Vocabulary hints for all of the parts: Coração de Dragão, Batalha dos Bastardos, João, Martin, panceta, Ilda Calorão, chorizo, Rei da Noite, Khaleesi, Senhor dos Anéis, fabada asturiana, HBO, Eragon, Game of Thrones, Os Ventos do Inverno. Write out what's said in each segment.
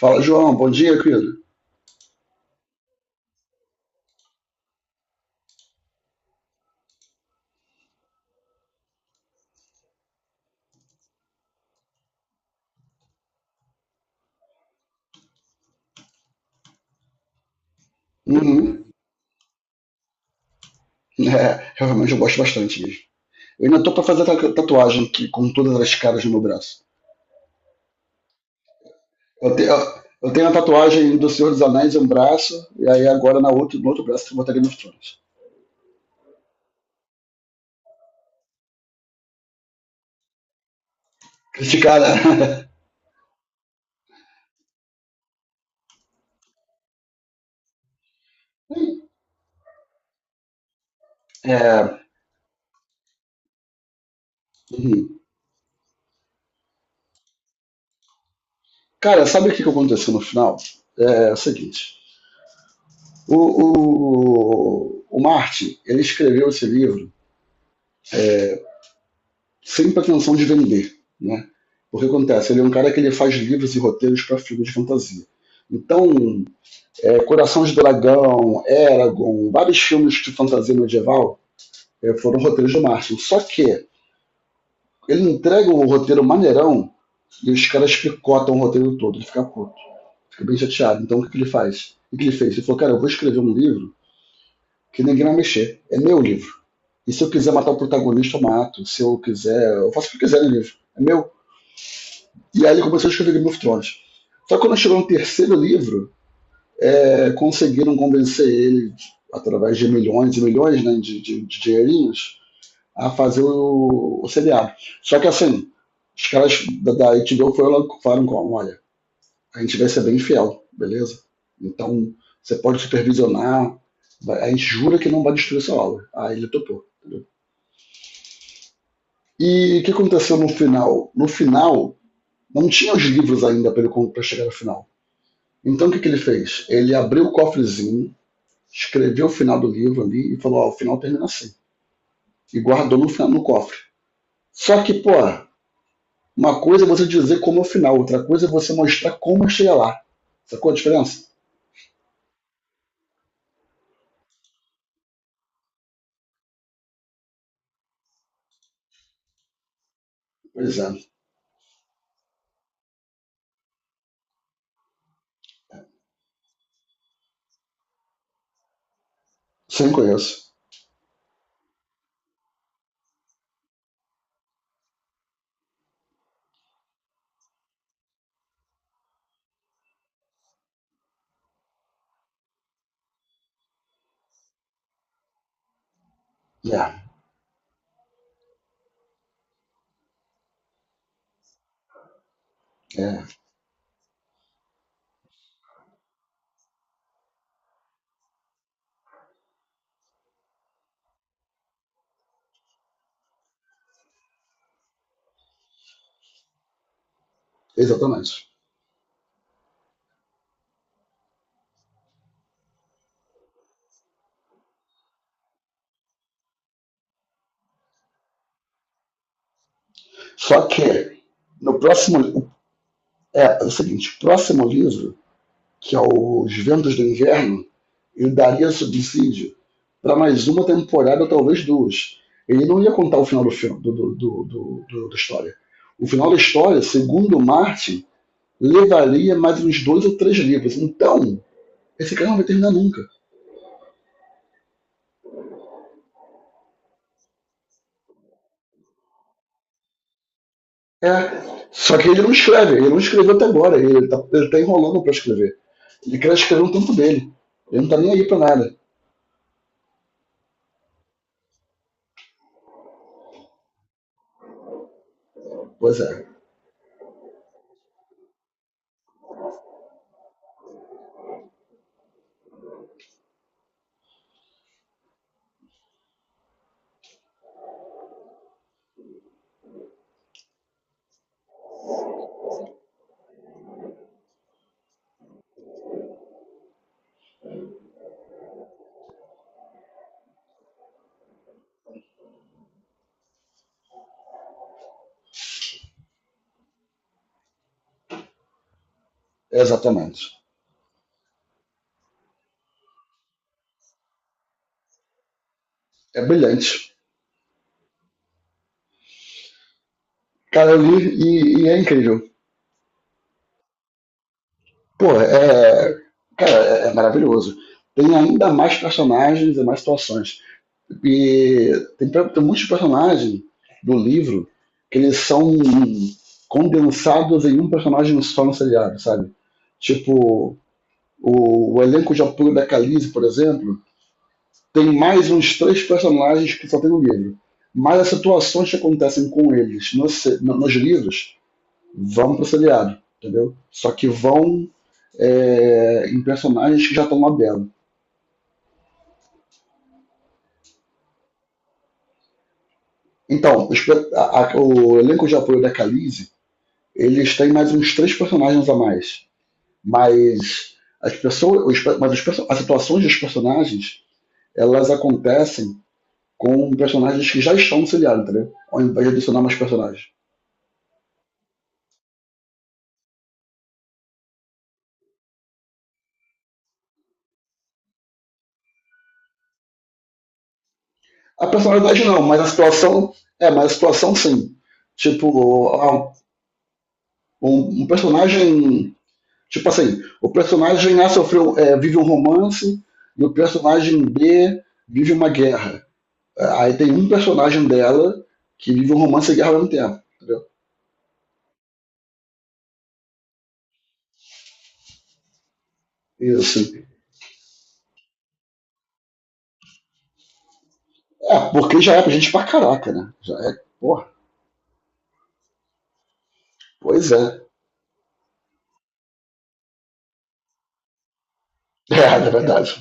Fala, João, bom dia, querido. Uhum. Realmente eu gosto bastante mesmo. Eu ainda tô pra fazer a tatuagem que, com todas as caras no meu braço. Eu tenho a tatuagem do Senhor dos Anéis em um braço, e aí agora na outro, no outro braço eu botaria no Thrones. Criticar, né? É, uhum. Cara, sabe que aconteceu no final? É, É o seguinte. O, o Martin, ele escreveu esse livro sempre a intenção de vender, né? O que acontece, ele é um cara que ele faz livros e roteiros para filmes de fantasia. Então, Coração de Dragão, Eragon, vários filmes de fantasia medieval foram roteiros do Martin. Só que ele entrega um roteiro maneirão e os caras picotam o roteiro todo. Ele fica puto, fica bem chateado. Então, o que, que ele faz? O que, que ele fez? Ele falou: cara, eu vou escrever um livro que ninguém vai mexer. É meu livro. E se eu quiser matar o protagonista, eu mato. Se eu quiser, eu faço o que eu quiser no livro. É meu. E aí ele começou a escrever Game of Thrones. Só que quando chegou no terceiro livro, conseguiram convencer ele, através de milhões e milhões, né, de dinheirinhos, a fazer o seriado. Só que assim, os caras da HBO foram logo falaram como, olha, a gente vai ser bem fiel, beleza? Então, você pode supervisionar, a gente jura que não vai destruir essa obra. Aí ele topou. Entendeu? E o que aconteceu no final? No final, não tinha os livros ainda para chegar ao final. Então o que, que ele fez? Ele abriu o cofrezinho, escreveu o final do livro ali e falou: Ó, o final termina assim. E guardou no, no cofre. Só que, pô, uma coisa é você dizer como é o final, outra coisa é você mostrar como chega lá. Sacou a diferença? Pois é. Sim, conheço. É, é, Exatamente. Só que, no próximo. É o seguinte: o próximo livro, que é Os Ventos do Inverno, ele daria subsídio para mais uma temporada, talvez duas. Ele não ia contar o final do filme, da história. O final da história, segundo Martin, levaria mais uns dois ou três livros. Então, esse cara não vai terminar nunca. É. Só que ele não escreve, ele não escreveu até agora, ele tá enrolando para escrever. Ele quer escrever um tempo dele. Ele não tá nem aí para nada. Pois é, exatamente. É brilhante. Cara, eu li e é incrível. Pô, é. Cara, é maravilhoso. Tem ainda mais personagens e mais situações. E tem muitos personagens do livro que eles são condensados em um personagem só no seriado, sabe? Tipo, o elenco de apoio da Khaleesi, por exemplo, tem mais uns três personagens que só tem no livro. Mas as situações que acontecem com eles no nos livros vão pro seriado, entendeu? Só que vão é, em personagens que já estão lá dentro. Então, o elenco de apoio da Khaleesi, eles têm mais uns três personagens a mais. Mas as pessoas, os mas os as situações dos personagens, elas acontecem com personagens que já estão no seriado, entendeu? Ao invés de adicionar mais personagens. A personalidade não, mas a situação, mas a situação sim. Tipo, ah, um personagem. Tipo assim, o personagem A sofreu, é, vive um romance e o personagem B vive uma guerra. Aí tem um personagem dela que vive um romance e guerra ao mesmo tempo. Entendeu? Isso. É, porque já é pra gente pra caraca, né? Já é. Porra. Pois é. É, na verdade.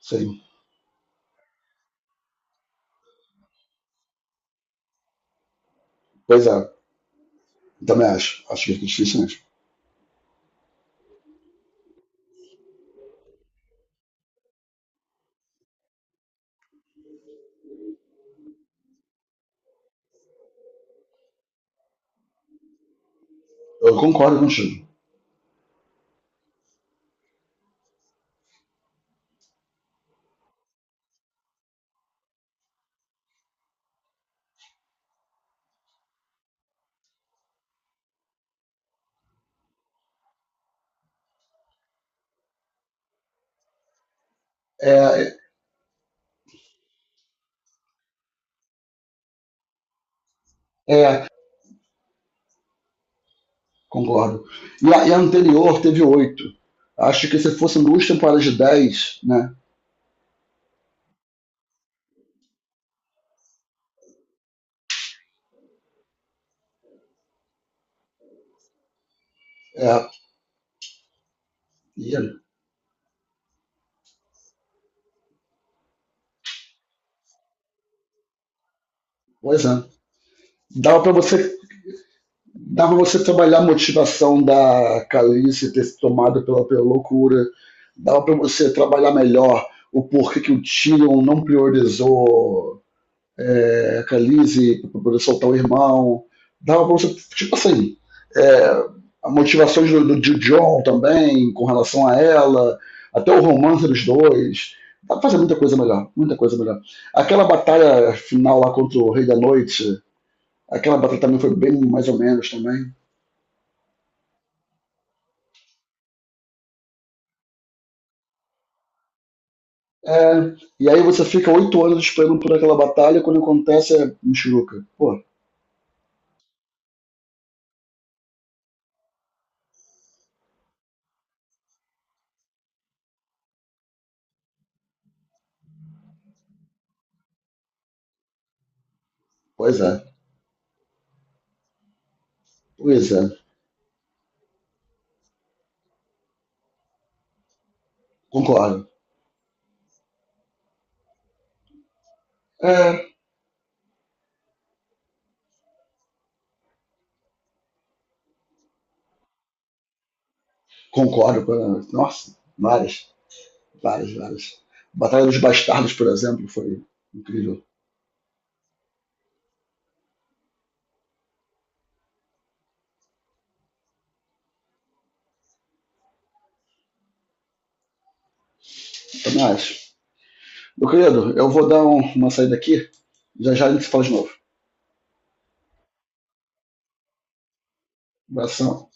Sim. Pois é. Também acho. Acho que é difícil mesmo. Eu concordo contigo. É, é concordo. E e a anterior teve oito. Acho que se fossem duas temporadas de dez, né? É. E, pois é. Dava para você dava pra você trabalhar a motivação da Calice ter se tomado pela, pela loucura, dava para você trabalhar melhor o porquê que o Tion não priorizou é, a Calice para poder soltar o irmão, dava para você, tipo assim, é, a motivação do John também com relação a ela, até o romance dos dois, dá pra fazer muita coisa melhor, muita coisa melhor. Aquela batalha final lá contra o Rei da Noite, aquela batalha também foi bem mais ou menos também. É, e aí você fica oito anos esperando por aquela batalha, quando acontece é Michuruca. Pô, pois é, pois é, concordo. É, concordo, nossa, várias, várias, várias. Batalha dos Bastardos, por exemplo, foi incrível. Também acho. Meu querido, eu vou dar uma saída aqui, já já a gente se fala de novo. Abração.